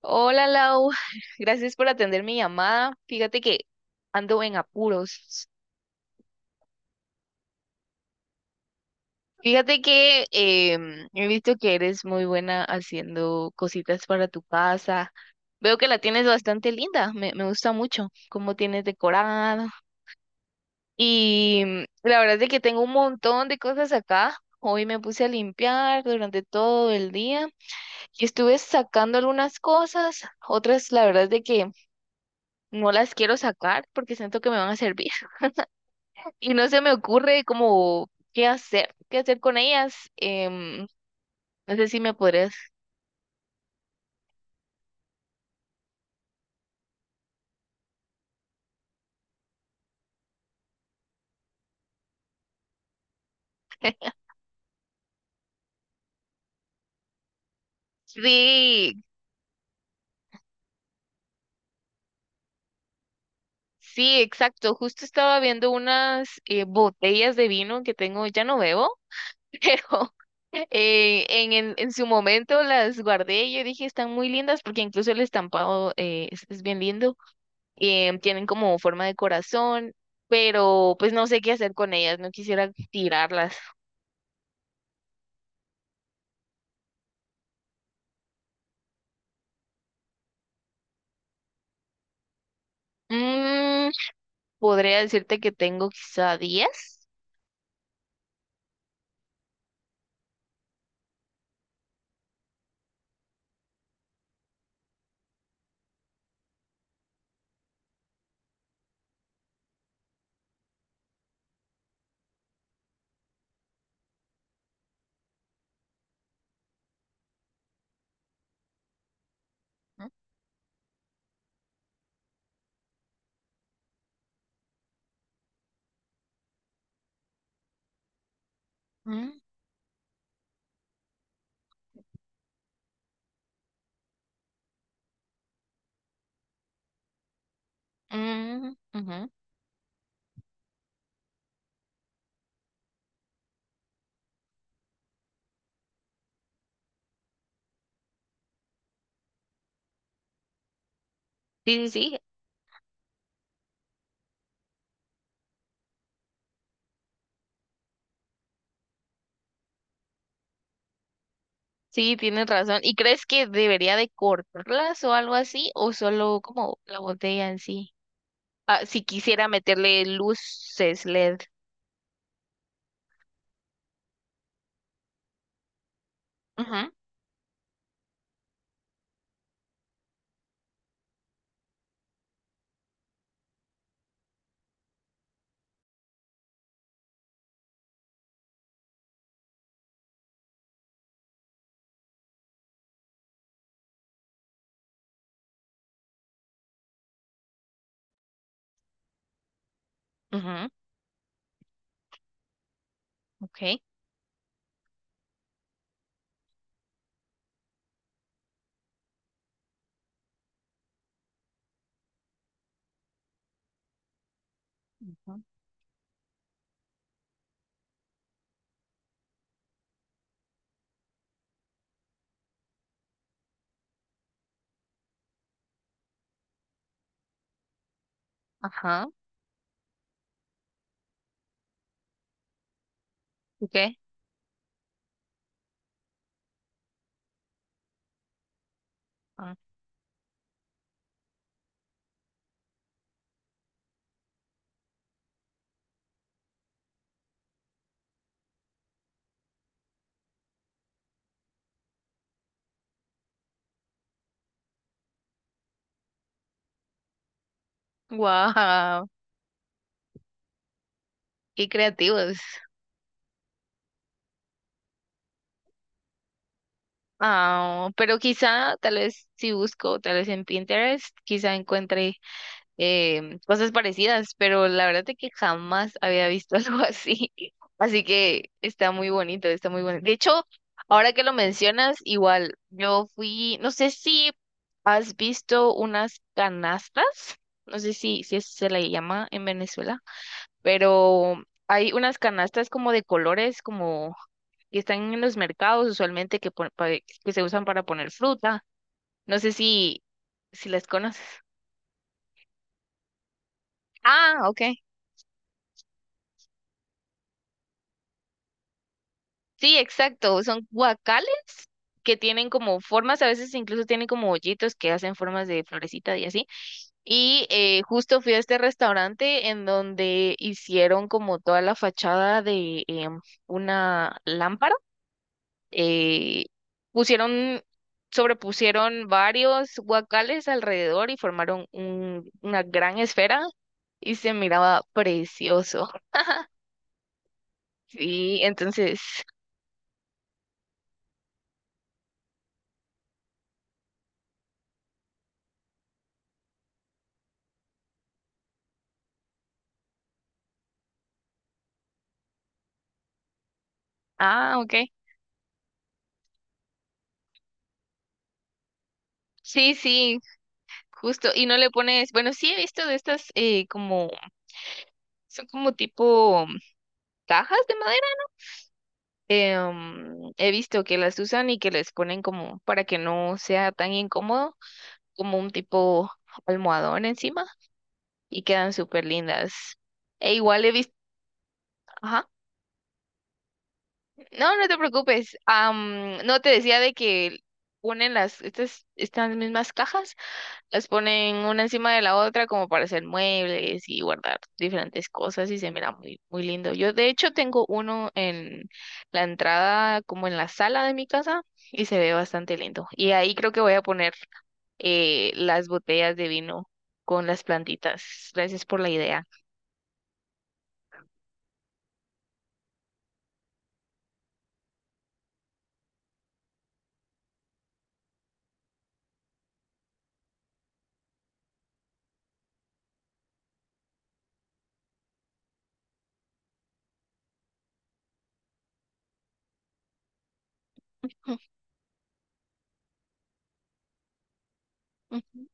Hola Lau, gracias por atender mi llamada. Fíjate que ando en apuros. Fíjate que he visto que eres muy buena haciendo cositas para tu casa. Veo que la tienes bastante linda, me gusta mucho cómo tienes decorado. Y la verdad es de que tengo un montón de cosas acá. Hoy me puse a limpiar durante todo el día y estuve sacando algunas cosas, otras la verdad es de que no las quiero sacar porque siento que me van a servir. Y no se me ocurre como qué hacer con ellas. No sé si me podrías. Sí, sí, exacto. Justo estaba viendo unas botellas de vino que tengo, ya no bebo, pero en su momento las guardé y yo dije, están muy lindas porque incluso el estampado es bien lindo. Tienen como forma de corazón, pero pues no sé qué hacer con ellas, no quisiera tirarlas. Mm, Podría decirte que tengo quizá 10. Ujú, ujú, ujú. Sí, sí, sí, sí, tienes razón. ¿Y crees que debería de cortarlas o algo así? ¿O solo como la botella en sí? Ah, si quisiera meterle luces LED. Ujú, ujú, ok. Ujú, ajá, ok. Wow, qué creativos. Ah, pero quizá, tal vez si busco, tal vez en Pinterest, quizá encuentre cosas parecidas, pero la verdad es que jamás había visto algo así. Así que está muy bonito, está muy bonito. De hecho, ahora que lo mencionas, igual yo fui, no sé si has visto unas canastas, no sé si eso se le llama en Venezuela, pero hay unas canastas como de colores, como que están en los mercados usualmente que, que se usan para poner fruta. No sé si las conoces. Ah, ok. Sí, exacto. Son guacales que tienen como formas, a veces incluso tienen como hoyitos que hacen formas de florecita y así. Y justo fui a este restaurante en donde hicieron como toda la fachada de una lámpara. eh, Pusieron, sobrepusieron varios guacales alrededor y formaron una gran esfera y se miraba precioso. Sí, entonces, ah, ok. Sí, sí, justo, y no le pones, bueno, sí he visto de estas como, son como tipo cajas de madera. He visto que las usan y que les ponen como para que no sea tan incómodo, como un tipo almohadón encima y quedan súper lindas. E igual he visto, ajá. No, no te preocupes. No te decía de que ponen las, estas mismas cajas, las ponen una encima de la otra como para hacer muebles y guardar diferentes cosas y se mira muy, muy lindo. Yo de hecho tengo uno en la entrada, como en la sala de mi casa, y se ve bastante lindo. Y ahí creo que voy a poner las botellas de vino con las plantitas. Gracias por la idea. Ujú,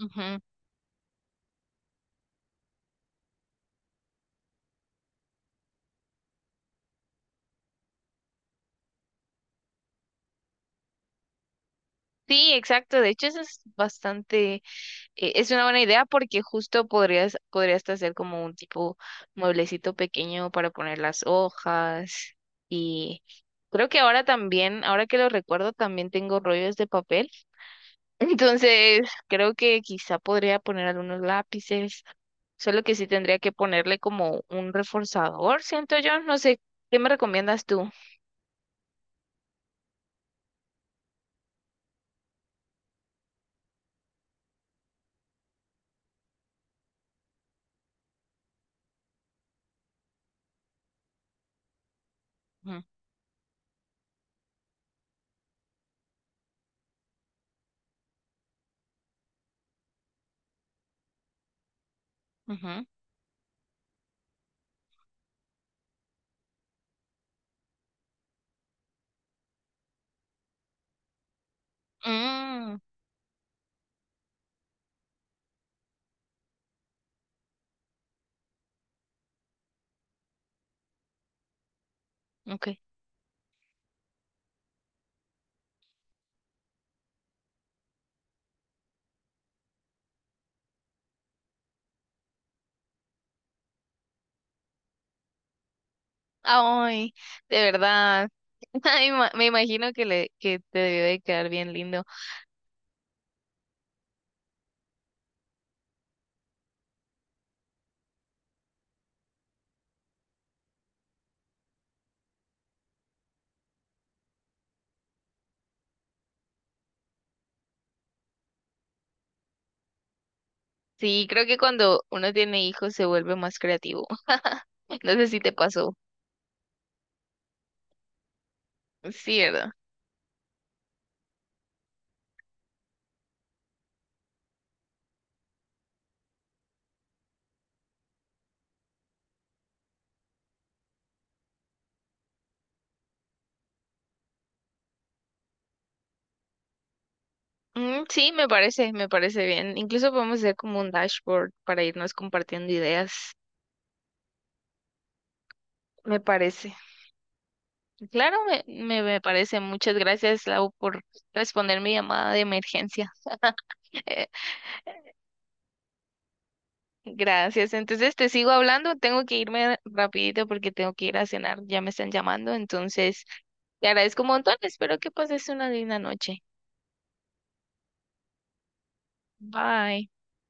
ujú. Sí, exacto. De hecho, eso es bastante, es una buena idea porque justo podrías, podrías hasta hacer como un tipo mueblecito pequeño para poner las hojas. Y creo que ahora también, ahora que lo recuerdo, también tengo rollos de papel. Entonces, creo que quizá podría poner algunos lápices, solo que sí tendría que ponerle como un reforzador, siento yo, no sé, ¿qué me recomiendas tú? Ujú, ujú. Mm, ok. Ay, de verdad. Ay, me imagino que le que te debe de quedar bien lindo. Sí, creo que cuando uno tiene hijos se vuelve más creativo. No sé si te pasó. Sí, ¿verdad? Mm, sí, me parece bien. Incluso podemos hacer como un dashboard para irnos compartiendo ideas. Me parece. Claro, me parece. Muchas gracias, Lau, por responder mi llamada de emergencia. Gracias. Entonces, te sigo hablando. Tengo que irme rapidito porque tengo que ir a cenar. Ya me están llamando. Entonces, te agradezco un montón. Espero que pases una linda noche. Bye.